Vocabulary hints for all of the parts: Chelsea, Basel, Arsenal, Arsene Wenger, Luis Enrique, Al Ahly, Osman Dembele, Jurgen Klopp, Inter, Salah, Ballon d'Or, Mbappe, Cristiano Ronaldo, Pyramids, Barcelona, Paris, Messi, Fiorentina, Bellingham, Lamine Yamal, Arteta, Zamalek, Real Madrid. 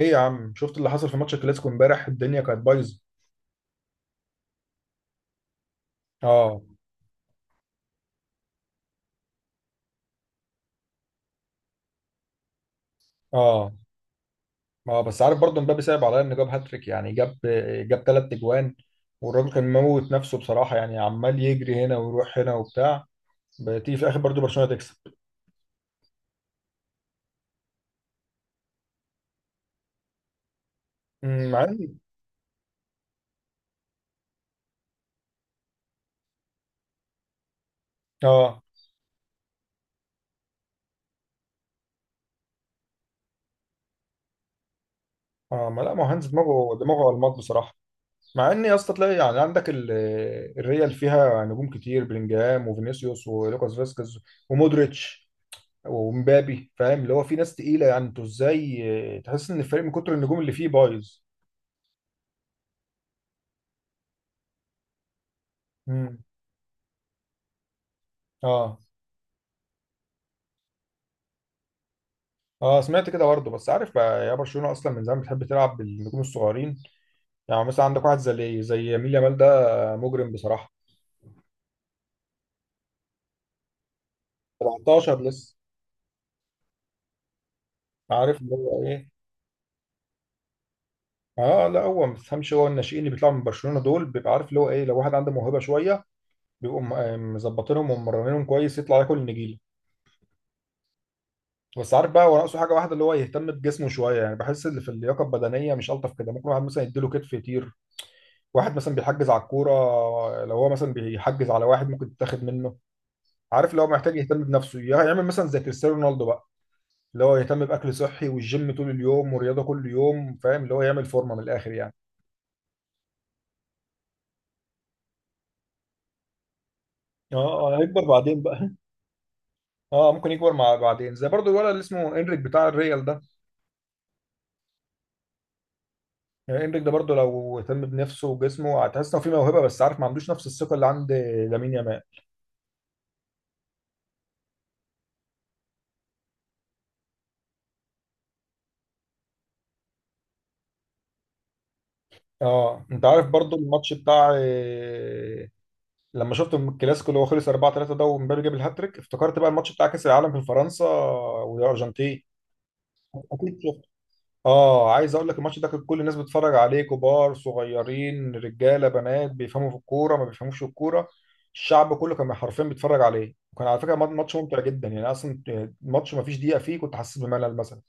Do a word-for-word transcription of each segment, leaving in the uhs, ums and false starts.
ايه يا عم، شفت اللي حصل في ماتش الكلاسيكو امبارح؟ الدنيا كانت بايظه. اه اه اه بس عارف برضه مبابي صعب عليا انه جاب هاتريك، يعني جاب جاب ثلاث اجوان والراجل كان موت نفسه بصراحه، يعني عمال يجري هنا ويروح هنا وبتاع، بتيجي في الاخر برضه برشلونه تكسب. أمم، مع ان اه اه ما لا، ما هو هانز دماغه دماغه الماط بصراحه. مع ان يا اسطى تلاقي يعني عندك ال- الريال فيها نجوم كتير، بلينجهام وفينيسيوس ولوكاس فاسكيز ومودريتش ومبابي، فاهم اللي هو في ناس تقيله، يعني انتوا ازاي آه، تحس ان الفريق من كتر النجوم اللي فيه بايظ. امم. اه، اه سمعت كده برضه. بس عارف بقى يا برشلونه اصلا من زمان بتحب تلعب بالنجوم الصغيرين، يعني مثلا عندك واحد زي زي يمين يامال ده، آه، مجرم بصراحه. سبعتاشر لسه. عارف اللي هو ايه، اه لا هو ما تفهمش، هو الناشئين اللي بيطلعوا من برشلونه دول بيبقى عارف اللي هو ايه، لو واحد عنده موهبه شويه بيبقوا م- آه، مظبطينهم وممرنينهم كويس، يطلع ياكل النجيله. بس عارف بقى هو ناقصه حاجه واحده، اللي هو يهتم بجسمه شويه، يعني بحس اللي في اللياقه البدنيه مش الطف كده، ممكن واحد مثلا يديله كتف يطير، واحد مثلا بيحجز على الكوره، لو هو مثلا بيحجز على واحد ممكن تتاخد منه. عارف اللي هو محتاج يهتم بنفسه، يعمل مثلا زي كريستيانو رونالدو بقى، اللي هو يهتم باكل صحي والجيم طول اليوم ورياضه كل يوم، فاهم اللي هو يعمل فورمه من الاخر يعني. اه. اه هيكبر بعدين بقى. اه ممكن يكبر مع بعدين، زي برضو الولد اللي اسمه انريك بتاع الريال ده، يعني انريك ده برضو لو اهتم بنفسه وجسمه، هتحس انه في موهبه، بس عارف ما عندوش نفس الثقه اللي عند لامين يامال. اه انت عارف برضو الماتش بتاع آه، لما شفت الكلاسيكو اللي هو خلص اربعه ثلاثه ده ومبابي جاب الهاتريك، افتكرت بقى الماتش بتاع كاس العالم في فرنسا والارجنتين. اكيد شفت. اه عايز اقول لك الماتش ده كان كل الناس بتتفرج عليه، كبار صغيرين رجاله بنات، بيفهموا في الكوره ما بيفهموش في الكوره، الشعب كله كان حرفيا بيتفرج عليه، وكان على فكره ماتش ممتع جدا يعني، اصلا الماتش ما فيش دقيقه فيه كنت حاسس بملل مثلا.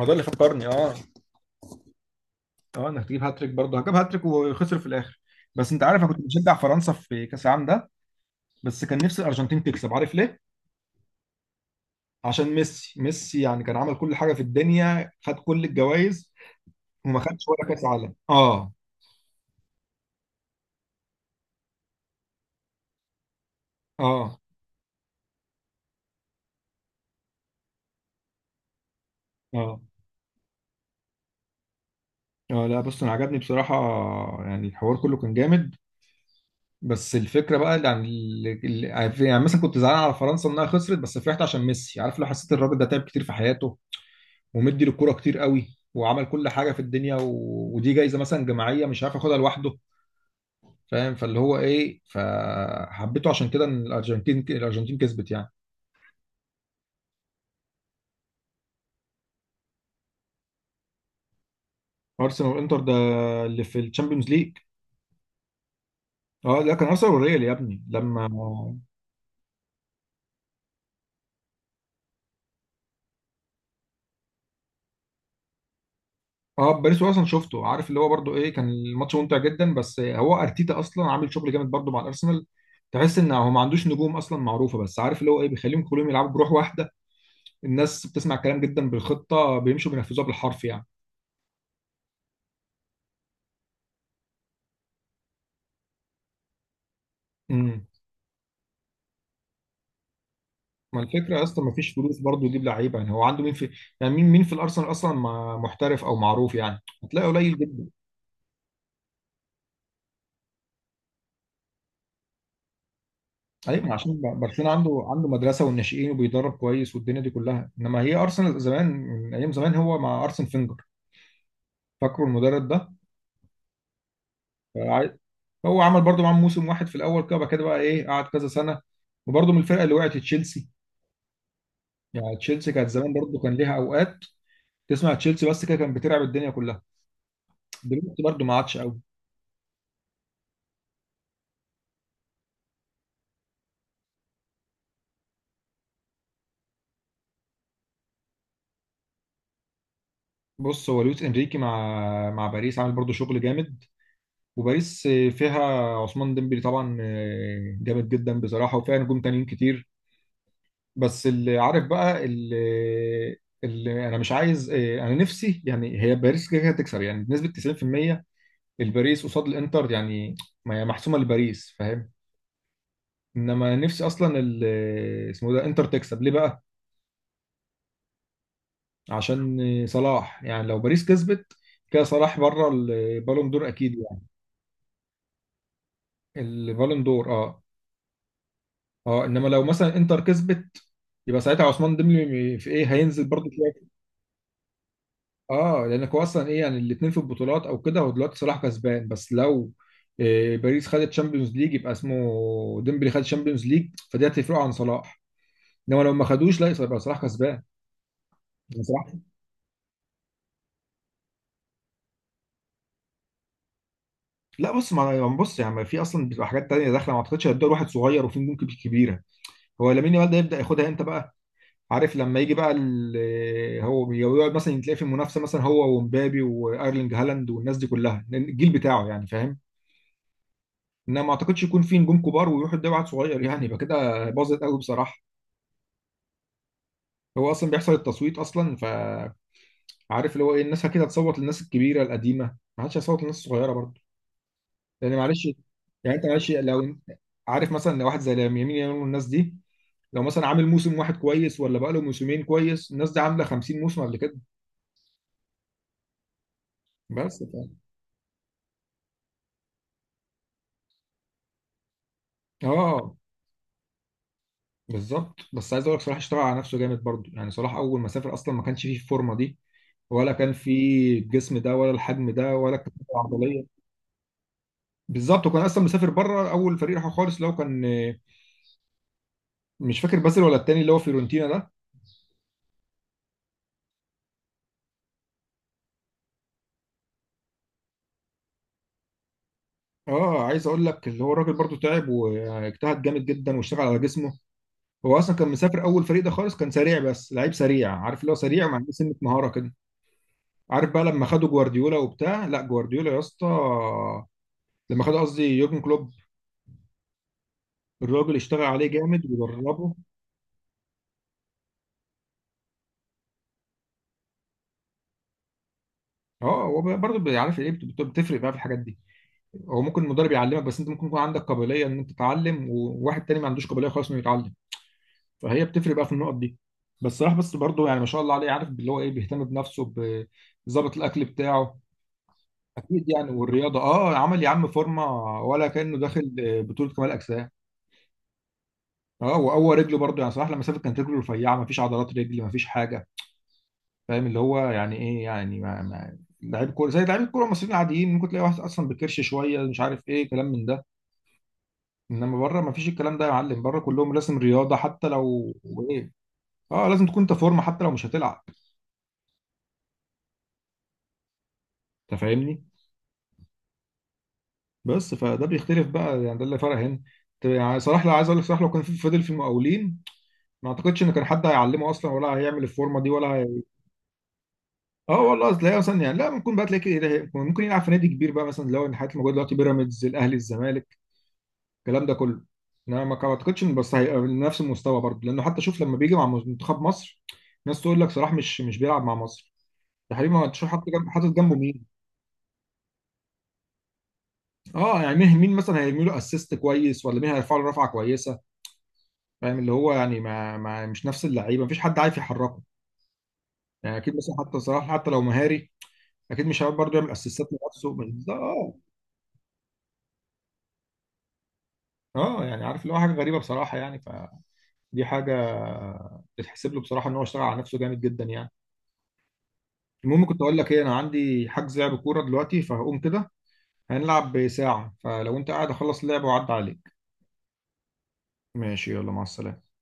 هو ده اللي فكرني اه. اه انك تجيب هاتريك برضه، جاب هاتريك وخسر في الاخر. بس انت عارف انا كنت بشجع فرنسا في كاس العالم ده، بس كان نفسي الارجنتين تكسب، عارف ليه؟ عشان ميسي. ميسي يعني كان عمل كل حاجه في الدنيا، خد كل الجوائز وما خدش ولا كاس عالم. اه. اه اه اه لا بص انا عجبني بصراحه، يعني الحوار كله كان جامد، بس الفكره بقى يعني ال- ال- يعني مثلا كنت زعلان على فرنسا انها خسرت، بس فرحت عشان ميسي. عارف لو حسيت الراجل ده تعب كتير في حياته، ومدي للكوره كتير قوي، وعمل كل حاجه في الدنيا، و... ودي جايزه مثلا جماعيه مش عارف ياخدها لوحده، فاهم فاللي هو ايه، فحبيته عشان كده ان الارجنتين الارجنتين كسبت يعني. ارسنال والانتر ده اللي في الشامبيونز ليج. اه لا كان ارسنال والريال يا ابني لما اه آه، باريس اصلا شفته، عارف اللي هو برضو ايه، كان الماتش ممتع جدا، بس هو ارتيتا اصلا عامل شغل جامد برضو مع الارسنال، تحس ان هو ما عندوش نجوم اصلا معروفه، بس عارف اللي هو ايه بيخليهم كلهم يلعبوا بروح واحده، الناس بتسمع كلام جدا، بالخطه بيمشوا بينفذوها بالحرف يعني. امم. ما الفكره اصلا ما فيش فلوس برضه يجيب لعيبه، يعني هو عنده مين في، يعني مين مين في الارسنال اصلا ما- محترف او معروف، يعني هتلاقي قليل جدا. ايوه ما عشان ب- برشلونه عنده عنده مدرسه والناشئين وبيدرب كويس والدنيا دي كلها، انما هي ارسنال زمان، من ايام زمان هو مع ارسن فينجر، فاكره المدرب ده؟ فع- هو عمل برضه معاهم موسم واحد في الاول كده، بعد كده بقى ايه قعد كذا سنه، وبرضه من الفرقه اللي وقعت تشيلسي. يعني تشيلسي كانت زمان برضه كان ليها اوقات، تسمع تشيلسي بس كده كان بتلعب الدنيا كلها. دلوقتي برضه ما عادش قوي. بص هو لويس انريكي مع مع باريس عامل برضه شغل جامد، وباريس فيها عثمان ديمبلي طبعا آه، جامد جدا بصراحه، وفيها نجوم تانيين كتير. بس اللي عارف بقى، اللي, اللي انا مش عايز آه، انا نفسي يعني، هي باريس كده كده هتكسب يعني بنسبه تسعين في المية، الباريس قصاد الانتر يعني، ما هي محسومه لباريس، فاهم. انما نفسي اصلا ال- آه، اسمه ده انتر تكسب ليه بقى؟ عشان صلاح. يعني لو باريس كسبت كده صلاح بره البالون دور اكيد يعني. البالون دور اه. اه انما لو مثلا انتر كسبت، يبقى ساعتها عثمان ديمبلي في ايه، هينزل برضه شويه. اه لانك هو اصلا ايه يعني، الاثنين في البطولات او كده، هو دلوقتي صلاح كسبان، بس لو إيه باريس خدت تشامبيونز ليج، يبقى اسمه ديمبلي خد تشامبيونز ليج فدي هتفرقه عن صلاح، انما لو ما خدوش لا يبقى صلاح كسبان. يعني صلاح لا بص ما بص يعني في اصلا بتبقى حاجات تانية داخله، ما اعتقدش هتدور واحد صغير وفي نجوم كب- كبيره. هو لامين يامال ده يبدا ياخدها امتى بقى؟ عارف لما يجي بقى ال- هو يقعد مثلا، تلاقي في منافسه مثلا هو ومبابي وايرلينج هالاند والناس دي كلها الجيل بتاعه يعني، فاهم. انما ما اعتقدش يكون في نجوم كبار ويروح يدي واحد صغير، يعني يبقى كده باظت قوي بصراحه. هو اصلا بيحصل التصويت اصلا، فعارف اللي هو ايه، الناس كده هتصوت للناس الكبيره القديمه، ما حدش هيصوت للناس الصغيره برضه، لان معلش. يعني انت معلش لو عارف مثلا، لو واحد زي يمين يامال والناس دي، لو مثلا عامل موسم واحد كويس ولا بقاله موسمين كويس، الناس دي عامله خمسين موسم قبل كده. بس ف... اه بالظبط. بس عايز اقول لك صلاح اشتغل على نفسه جامد برضه، يعني صلاح اول ما سافر اصلا ما كانش فيه الفورمه دي، ولا كان فيه الجسم ده، ولا الحجم ده، ولا الكتله العضليه. بالظبط، وكان اصلا مسافر بره اول فريق راحه خالص اللي هو كان، مش فاكر بازل ولا التاني اللي هو فيورنتينا ده. اه عايز اقول لك اللي هو الراجل برضه تعب واجتهد جامد جدا واشتغل على جسمه. هو اصلا كان مسافر اول فريق ده خالص، كان سريع بس لعيب سريع، عارف اللي هو سريع وما عندوش سنه مهاره كده. عارف بقى لما خدوا جوارديولا وبتاع، لا جوارديولا يا اسطى، لما خد قصدي يورجن كلوب، الراجل اشتغل عليه جامد ودربه. اه هو برضه بيعرف ايه بت- بتفرق بقى في الحاجات دي. هو ممكن المدرب يعلمك، بس انت ممكن يكون عندك قابليه ان انت تتعلم، وواحد تاني ما عندوش قابليه خالص انه يتعلم، فهي بتفرق بقى في النقط دي. بس صراحه بس برضه يعني ما شاء الله عليه، عارف اللي هو ايه، بيهتم بنفسه ب- بظبط الاكل بتاعه. اكيد يعني، والرياضه اه، عمل يا عم فورمه ولا كانه داخل آه، بطوله كمال اجسام. اه وقوى رجله برضه يعني صراحه، لما سافر كانت رجله رفيعه، ما فيش عضلات رجل، ما فيش حاجه. فاهم اللي هو يعني ايه، يعني ما ما لعيب كوره زي لعيب الكوره المصريين العاديين، ممكن تلاقي واحد اصلا بكرش شويه مش عارف ايه، كلام من ده. انما بره ما فيش الكلام ده يا معلم، بره كلهم لازم رياضه حتى لو ايه. اه لازم تكون انت فورمه حتى لو مش هتلعب، انت فاهمني. بس فده بيختلف بقى يعني، ده اللي فرق هنا. طب يعني صلاح، لا عايز اقول لك صلاح لو كان في- فضل في المقاولين، ما اعتقدش ان كان حد هيعلمه اصلا، ولا هيعمل الفورمه دي، ولا هي... اه والله تلاقيه مثلا يعني، لا ممكن بقى تلاقي كده ممكن يلعب في نادي كبير بقى، مثلا لو ان الحاجات الموجوده دلوقتي، بيراميدز الاهلي الزمالك الكلام ده كله. انا ما اعتقدش ان بس هيبقى من نفس المستوى برضه، لانه حتى شوف لما بيجي مع منتخب مصر، ناس تقول لك صلاح مش مش بيلعب مع مصر، يا حبيبي ما تشوف حاطط جنب، حاطط جنبه مين. اه يعني مين مين مثلا هيرمي له اسيست كويس، ولا مين هيرفع له رفعه كويسه، فاهم اللي هو يعني ما, ما مش نفس اللعيبه، مفيش حد عارف يحركه يعني. اكيد مثلا حتى صلاح حتى لو مهاري، اكيد مش هيعرف برضه يعمل اسيستات لنفسه، بس ده اه. اه يعني عارف اللي هو حاجه غريبه بصراحه، يعني فدي حاجه تتحسب له بصراحه، ان هو اشتغل على نفسه جامد جدا يعني. المهم كنت اقول لك ايه، انا عندي حجز لعب كوره دلوقتي، فهقوم كده. هنلعب ساعه، فلو انت قاعد اخلص اللعب وعد عليك. ماشي، يلا مع السلامه.